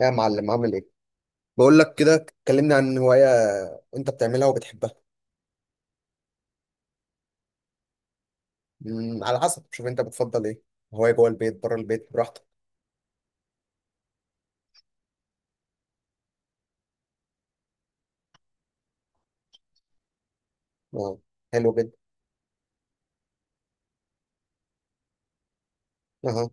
يا معلم، عامل ايه؟ بقول لك كده، اتكلمنا عن هواية انت بتعملها وبتحبها. على حسب، شوف انت بتفضل ايه. هواية جوه البيت، بره البيت، براحتك. اه، حلو جدا. اه.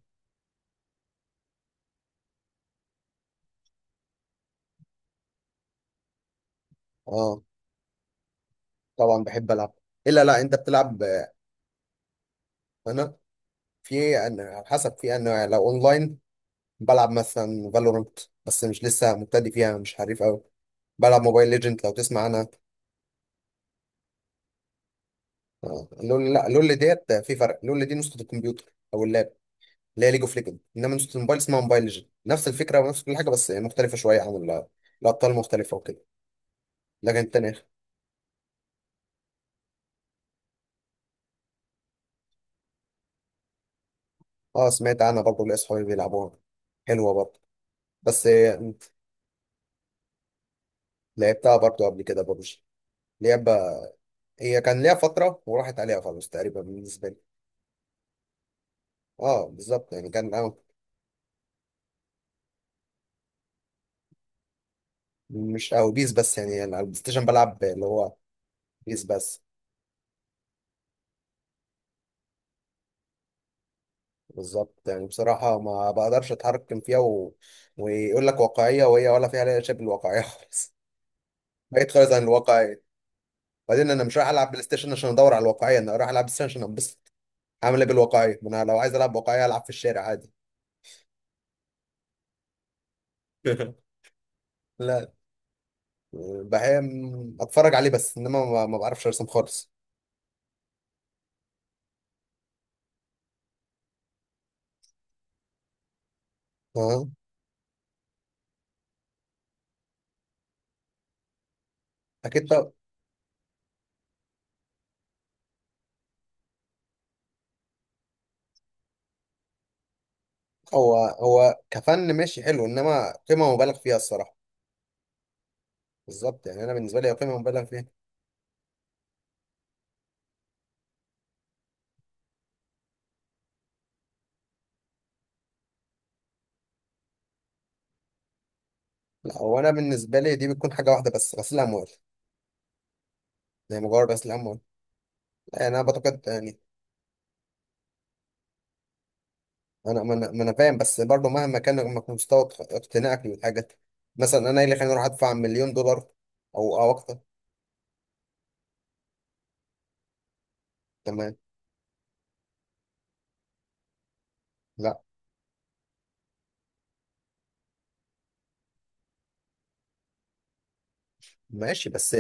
اه، طبعا بحب العب. الا لا، انت بتلعب. انا في، انا على حسب، في انا لو اونلاين بلعب مثلا فالورانت، بس مش لسه مبتدئ فيها، مش حريف قوي. بلعب موبايل ليجند، لو تسمع عنها. لول. لا، لول ديت في فرق. لول دي نسخة الكمبيوتر او اللاب، اللي هي ليج اوف ليجند، انما نسخه الموبايل اسمها موبايل ليجند. نفس الفكره ونفس كل حاجه، بس مختلفه شويه عن ال-، الابطال مختلفه وكده. لكن التانية، اه سمعت عنها برضه، ليا اصحابي بيلعبوها. حلوه برضه. بس لعبتها برضه قبل كده ببجي. لعبة هي كان ليها فتره وراحت عليها خلاص تقريبا بالنسبه لي. اه بالظبط يعني كان مش قوي بيس. بس يعني، على البلاي ستيشن بلعب اللي هو بيس بس. بالظبط يعني، بصراحه ما بقدرش اتحرك فيها ويقول لك واقعيه، وهي ولا فيها شبه الواقعيه خالص. بعيد خالص عن الواقعية. بعدين انا مش رايح العب بلاي ستيشن عشان ادور على الواقعية، انا رايح العب بلاي ستيشن عشان انبسط. عامل ايه بالواقعية؟ ما انا لو عايز العب واقعية العب في الشارع عادي. لا، بحب اتفرج عليه بس، انما ما بعرفش ارسم خالص. اه اكيد، طب. هو كفن ماشي حلو، انما قيمة مبالغ فيها الصراحة. بالظبط يعني، انا بالنسبة لي هي قيمة مبالغ فيها. لا، هو انا بالنسبة لي دي بتكون حاجة واحدة بس، غسيل اموال. يعني مجرد غسيل اموال. يعني انا بعتقد يعني. انا ما انا، ما أنا فاهم، بس برضه مهما كان مك- مستوى اق- اقتناعك للحاجات، مثلا انا ايه اللي خليني اروح ادفع 1000000 دولار او اكتر. تمام. لا. ماشي بس.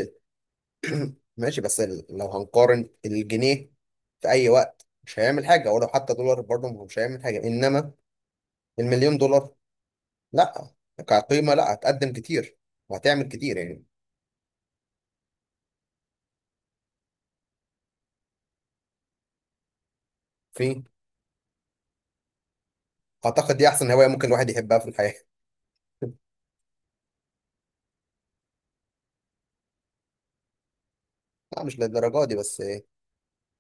ماشي بس، لو هنقارن الجنيه في اي وقت مش هيعمل حاجه، ولو حتى دولار برضه ما هو مش هيعمل حاجه، انما المليون دولار لا، كقيمه لا، هتقدم كتير وهتعمل كتير يعني. في اعتقد دي احسن هوايه ممكن الواحد يحبها في الحياه. لا، مش للدرجه دي بس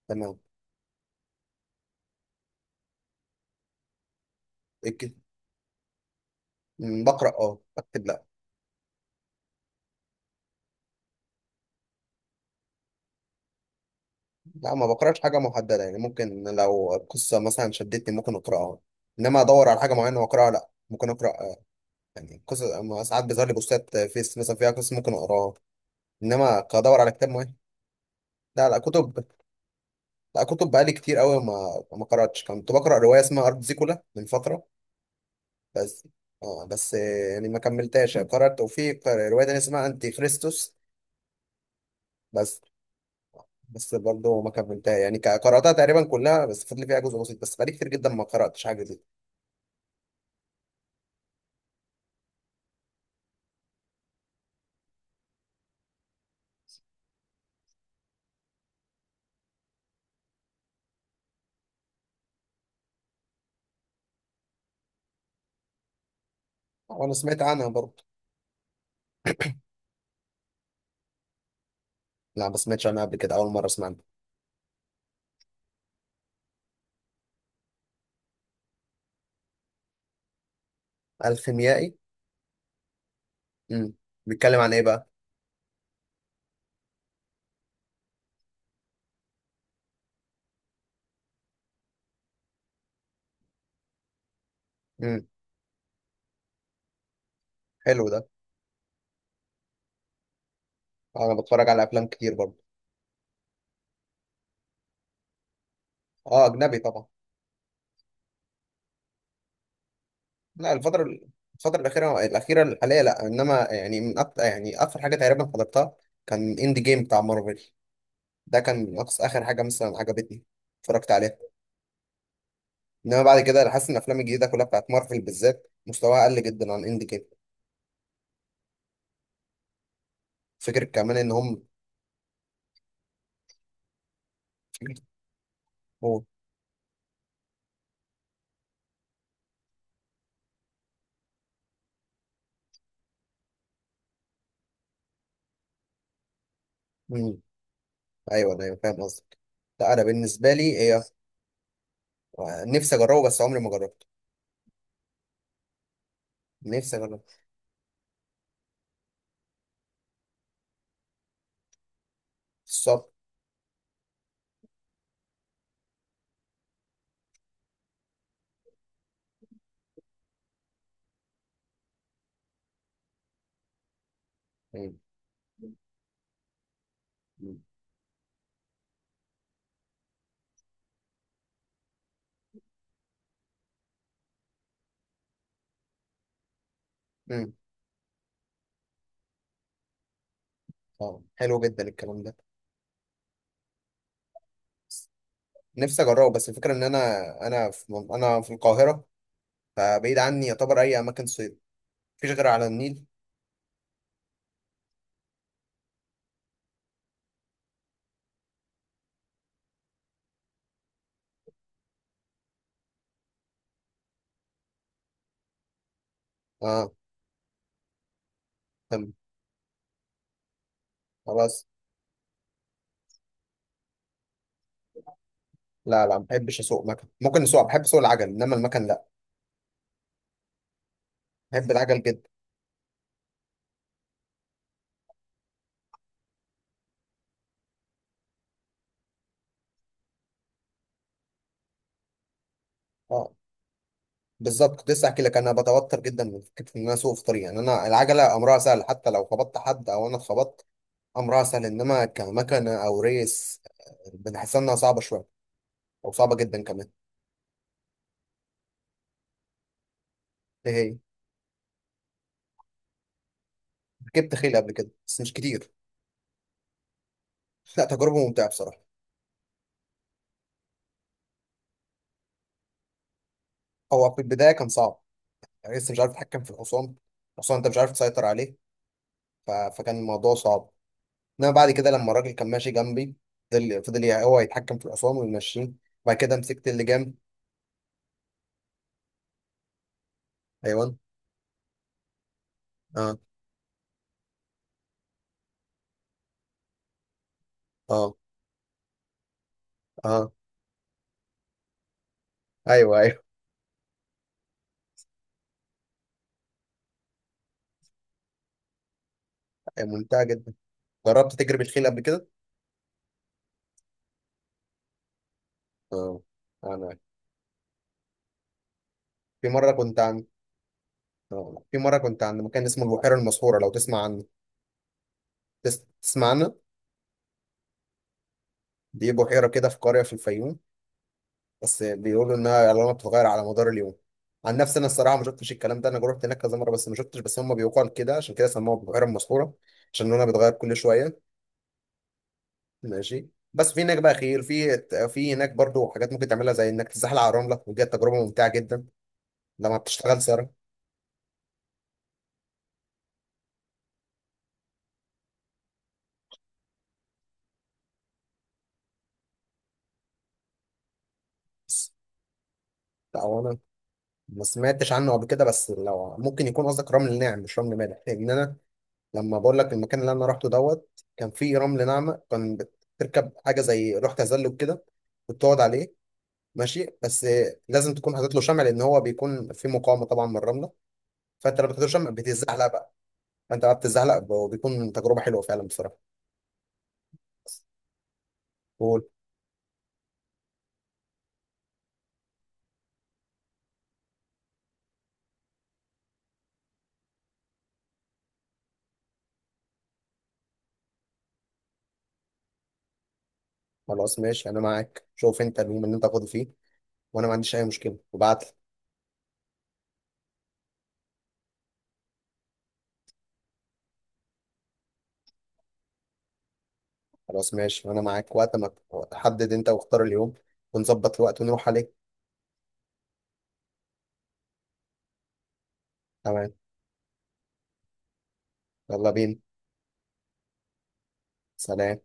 تمام. الك-، بقرا اه، بكتب لا. لا، ما بقراش حاجة محددة يعني، ممكن لو قصة مثلا شدتني ممكن أقرأها، إنما أدور على حاجة معينة وأقرأها لا. ممكن أقرأ يعني قصة، ما ساعات بيظهر لي بوستات فيس مثلا فيها قصة ممكن أقراها، إنما أدور على كتاب معين. لا، لا، كتب. لا، كتب بقالي كتير أوي ما قرأتش. كنت بقرأ رواية اسمها أرض زيكولا من فترة بس. آه بس يعني ما كملتهاش، قرأت وفي قر- رواية تانية اسمها أنتي خريستوس بس. بس برضه ما كملتها يعني، ك- قرأتها تقريبا كلها بس فاضل فيها جزء بسيط، بس بقالي كتير جدا ما قرأتش حاجة زي. وانا سمعت عنها برضه. لا، ما سمعتش عنها قبل كده، اول مره اسمع عنها. الخيميائي. امم. بيتكلم عن ايه بقى؟ امم. حلو ده. انا بتفرج على افلام كتير برضه. اه، اجنبي طبعا. لا الفتره، الفتره الاخيره، الحاليه لا، انما يعني من أكتر، يعني اخر حاجه تقريبا حضرتها كان اند جيم بتاع مارفل. ده كان اقصى اخر حاجه مثلا عجبتني، اتفرجت عليها. انما بعد كده انا حاسس ان الافلام الجديده كلها بتاعت مارفل بالذات مستواها قل جدا عن اند جيم. فكره كمان ان هم. هو. مم. ايوه، ايوه، أيوة، فاهم قصدك. لا، انا بالنسبه لي هي، نفسي اجربه بس عمري ما جربته. نفسي اجربه. الصبر. مم. مم. اه، حلو جدا الكلام ده. نفسي اجربه بس الفكره ان انا، انا في من-، انا في القاهره، فبعيد عني يعتبر اي اماكن صيد، مفيش غير على النيل. اه. تمام. خلاص. لا، لا، ما بحبش اسوق مكن. ممكن اسوق، بحب اسوق العجل انما المكن لا. بحب العجل جدا. اه بالظبط، كنت لسه احكي لك انا بتوتر جدا من فكره ان انا اسوق في طريق. يعني انا العجله امرها سهل، حتى لو خبطت حد او انا اتخبطت امر اسهل، انما كمكنه او ريس بنحسها انها صعبه شويه، او صعبه جدا كمان. ايه هي؟ ركبت خيل قبل كده بس مش كتير. لا، تجربه ممتعه بصراحه. هو في البدايه كان صعب، يعني لسه مش عارف اتحكم في الحصان، الحصان انت مش عارف تسيطر عليه، فكان الموضوع صعب. انما بعد كده لما الراجل كان ماشي جنبي، فضل ي- هو يتحكم في الحصان ويمشيه. بعد كده مسكت اللجام. ايوه. اه. اه. اه. ايوه، ايوه، أيوه، ممتعه جدا. جربت تجري بالخيل قبل كده؟ اه. انا في مره كنت، اه في مرة كنت عند مكان اسمه البحيرة المسحورة، لو تسمع عنه. تس- تسمع عنه. دي بحيرة كده في قرية في الفيوم، بس بيقولوا إنها ألوانها بتتغير على مدار اليوم. عن نفسي أنا الصراحة ما شفتش الكلام ده، أنا جربت هناك كذا مرة بس ما شفتش، بس هم بيقال كده، عشان كده سموها البحيرة المسحورة، عشان لونها بيتغير كل شوية. ماشي بس. في هناك بقى خيل، في هناك برضو حاجات ممكن تعملها زي إنك تزحلق على الرملة، ودي تجربة ممتعة جدا لما بتشتغل سيارة. بس. لا، هو أنا ما سمعتش عنه قبل كده، بس لو ممكن يكون قصدك رمل ناعم مش رمل مالح، لأن أنا لما بقول لك المكان اللي انا رحته دوت كان فيه رمل ناعمه. كان بتركب حاجه زي لوح تزلج كده وتقعد عليه. ماشي بس لازم تكون حاطط له شمع، لان هو بيكون فيه مقاومه طبعا من الرمله، فانت لما بتحط له شمع بتزحلق بقى. فانت بقى بتزحلق وبيكون تجربه حلوه فعلا بصراحه. قول. خلاص ماشي، انا معاك، شوف انت اليوم اللي انت فاضي فيه وانا ما عنديش اي مشكله وابعت لي. خلاص ماشي، وانا معاك وقت ما تحدد انت واختار اليوم ونظبط الوقت ونروح عليه. تمام. يلا بينا. سلام.